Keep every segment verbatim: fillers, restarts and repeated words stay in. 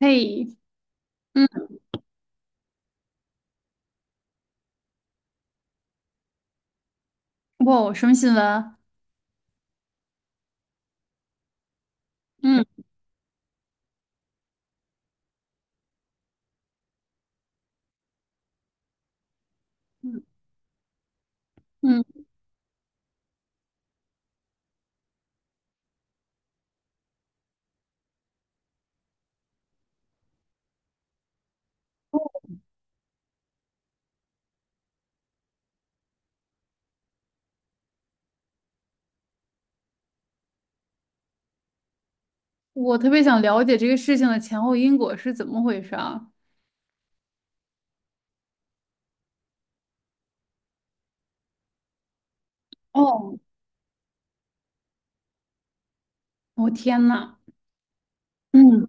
嘿，嗯，哇，什么新闻？嗯嗯，哦我特别想了解这个事情的前后因果是怎么回事啊？哦，我天呐，嗯，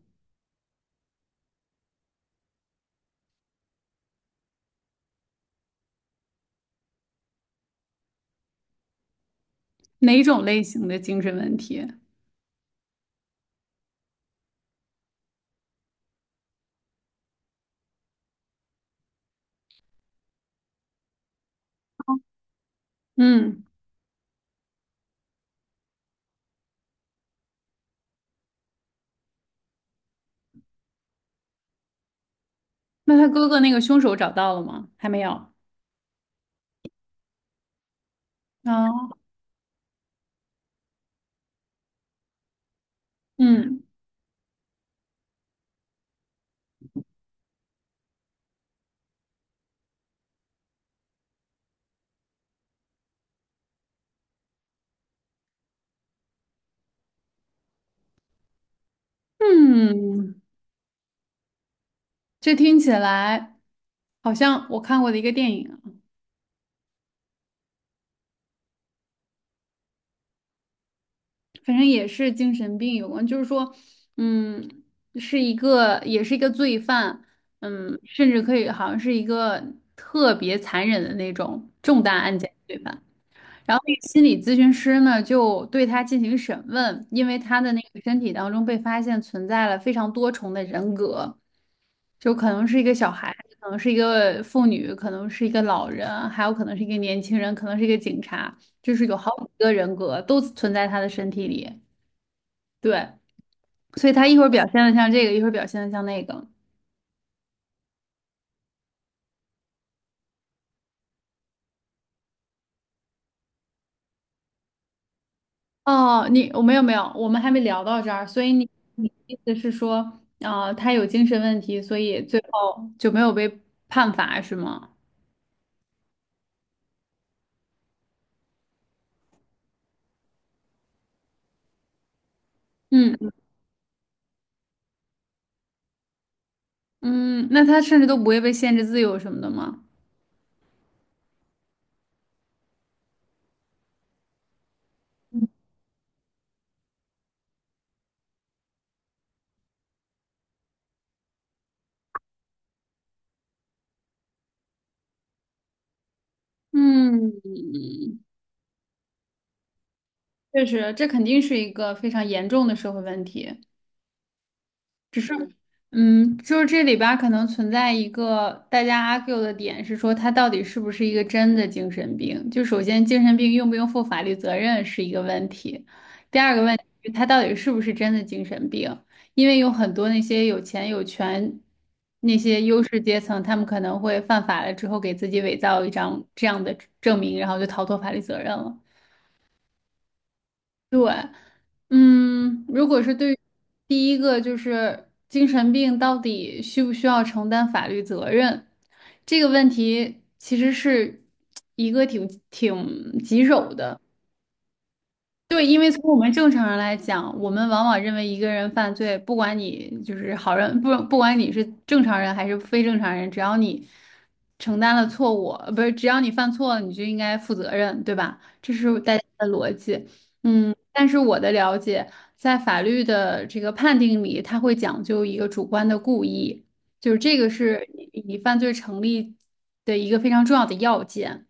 哪种类型的精神问题？嗯，那他哥哥那个凶手找到了吗？还没有。啊，嗯嗯，这听起来好像我看过的一个电影。反正也是精神病有关，就是说，嗯，是一个也是一个罪犯，嗯，甚至可以好像是一个特别残忍的那种重大案件罪犯。然后那个心理咨询师呢，就对他进行审问，因为他的那个身体当中被发现存在了非常多重的人格，就可能是一个小孩，可能是一个妇女，可能是一个老人，还有可能是一个年轻人，可能是一个警察，就是有好几个人格都存在他的身体里。对，所以他一会儿表现的像这个，一会儿表现的像那个。哦，你我没有没有，我们还没聊到这儿，所以你你的意思是说，啊、他有精神问题，所以最后就没有被判罚是吗？嗯嗯，那他甚至都不会被限制自由什么的吗？嗯，确实，这肯定是一个非常严重的社会问题。只是，嗯，就是这里边儿可能存在一个大家 argue 的点是说，他到底是不是一个真的精神病？就首先，精神病用不用负法律责任是一个问题，第二个问题是他到底是不是真的精神病？因为有很多那些有钱有权那些优势阶层，他们可能会犯法了之后，给自己伪造一张这样的证明，然后就逃脱法律责任了。嗯，如果是对于第一个就是精神病到底需不需要承担法律责任这个问题，其实是一个挺挺棘手的。对，因为从我们正常人来讲，我们往往认为一个人犯罪，不管你就是好人，不不管你是正常人还是非正常人，只要你承担了错误，呃不是，只要你犯错了，你就应该负责任，对吧？这是大家的逻辑。嗯，但是我的了解，在法律的这个判定里，它会讲究一个主观的故意，就是这个是你你犯罪成立的一个非常重要的要件。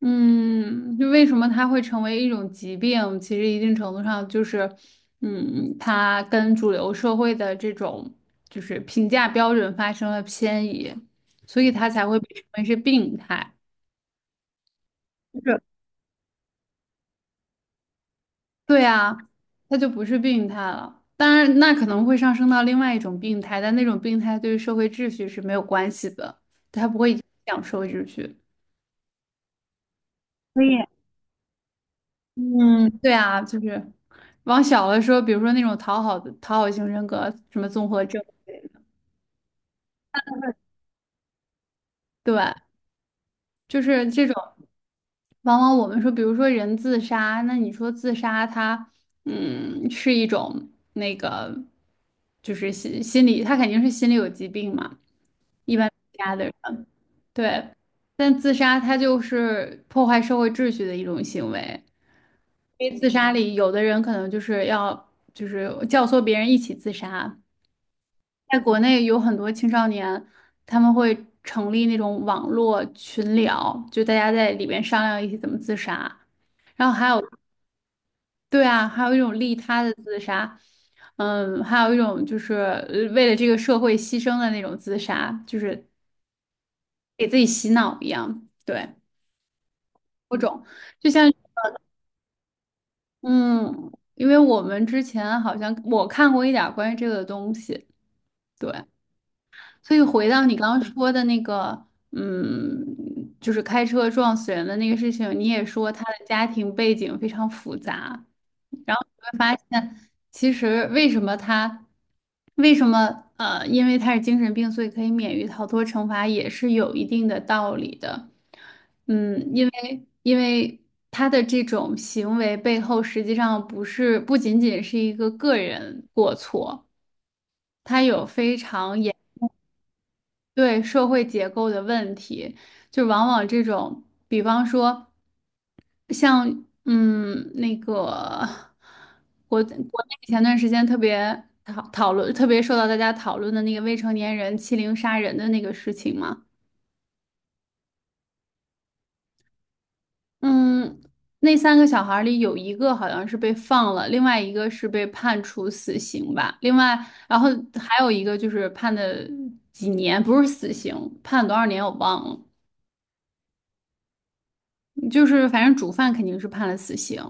嗯，就为什么它会成为一种疾病？其实一定程度上就是，嗯，它跟主流社会的这种就是评价标准发生了偏移，所以它才会被称为是病态。就是，对啊，它就不是病态了。当然，那可能会上升到另外一种病态，但那种病态对于社会秩序是没有关系的，它不会影响社会秩序。以。嗯，对啊，就是往小了说，比如说那种讨好的讨好型人格，什么综合症，对，就是这种。往往我们说，比如说人自杀，那你说自杀他嗯，是一种那个，就是心心理，他肯定是心理有疾病嘛，一般自杀的人，对。但自杀他就是破坏社会秩序的一种行为，因为自杀里有的人可能就是要就是教唆别人一起自杀。在国内有很多青少年，他们会成立那种网络群聊，就大家在里面商量一起怎么自杀。然后还有，对啊，还有一种利他的自杀，嗯，还有一种就是呃为了这个社会牺牲的那种自杀，就是给自己洗脑一样，对，多种。就像，嗯，因为我们之前好像我看过一点儿关于这个的东西，对。所以回到你刚刚说的那个，嗯，就是开车撞死人的那个事情，你也说他的家庭背景非常复杂。然后呢，其实为什么他，为什么呃，因为他是精神病，所以可以免于逃脱惩罚，也是有一定的道理的。嗯，因为因为他的这种行为背后，实际上不是不仅仅是一个个人过错。他有非常严。对社会结构的问题，就往往这种，比方说像嗯那个国国内前段时间特别讨讨论，特别受到大家讨论的那个未成年人欺凌杀人的那个事情嘛，嗯，那三个小孩儿里有一个好像是被放了，另外一个是被判处死刑吧，另外然后还有一个就是判的几年，不是死刑，判多少年我忘了。就是反正主犯肯定是判了死刑，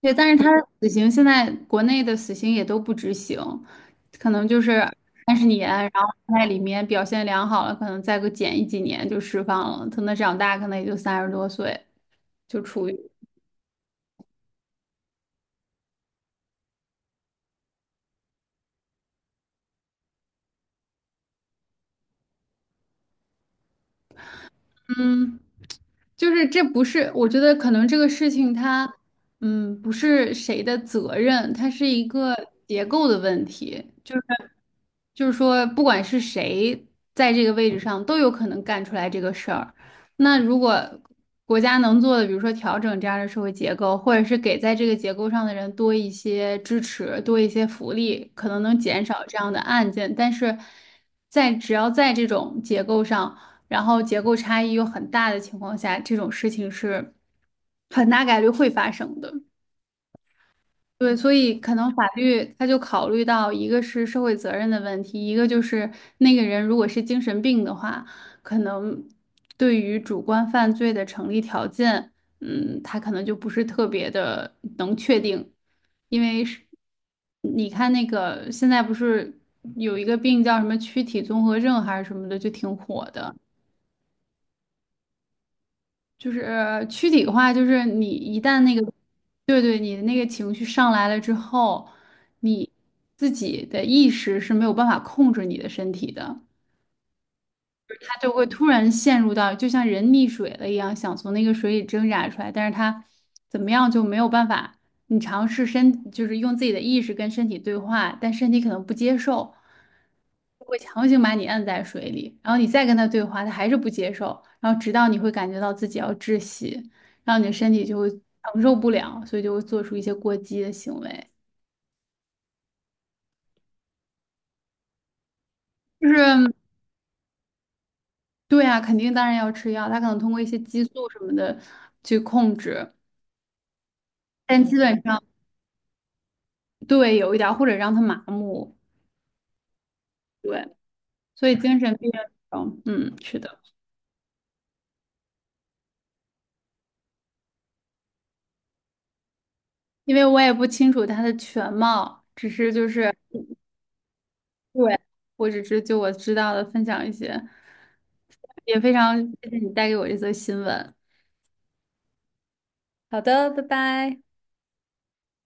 对，但是他的死刑现在国内的死刑也都不执行，可能就是三十年，然后在里面表现良好了，可能再个减一几年就释放了，等他长大可能也就三十多岁就处于嗯。就是这不是，我觉得可能这个事情它，嗯，不是谁的责任，它是一个结构的问题。就就是说，不管是谁在这个位置上，都有可能干出来这个事儿。那如果国家能做的，比如说调整这样的社会结构，或者是给在这个结构上的人多一些支持，多一些福利，可能能减少这样的案件。但是在只要在这种结构上，然后结构差异又很大的情况下，这种事情是很大概率会发生的。对，所以可能法律他就考虑到，一个是社会责任的问题，一个就是那个人如果是精神病的话，可能对于主观犯罪的成立条件，嗯，他可能就不是特别的能确定，因为是你看那个现在不是有一个病叫什么躯体综合症还是什么的，就挺火的。就是躯体化，就是你一旦那个，对对，你的那个情绪上来了之后，你自己的意识是没有办法控制你的身体的。他就会突然陷入到就像人溺水了一样，想从那个水里挣扎出来，但是他怎么样就没有办法。你尝试身，就是用自己的意识跟身体对话，但身体可能不接受，会强行把你摁在水里，然后你再跟他对话，他还是不接受，然后直到你会感觉到自己要窒息，然后你的身体就会承受不了，所以就会做出一些过激的行为。就是对啊，肯定当然要吃药，他可能通过一些激素什么的去控制，但基本上。对，有一点儿，或者让他麻木，对，所以精神病院这种嗯，是的，因为我也不清楚他的全貌，只是就是，对，我只是就我知道的分享一些，也非常谢谢你带给我这则新闻。好的，拜拜。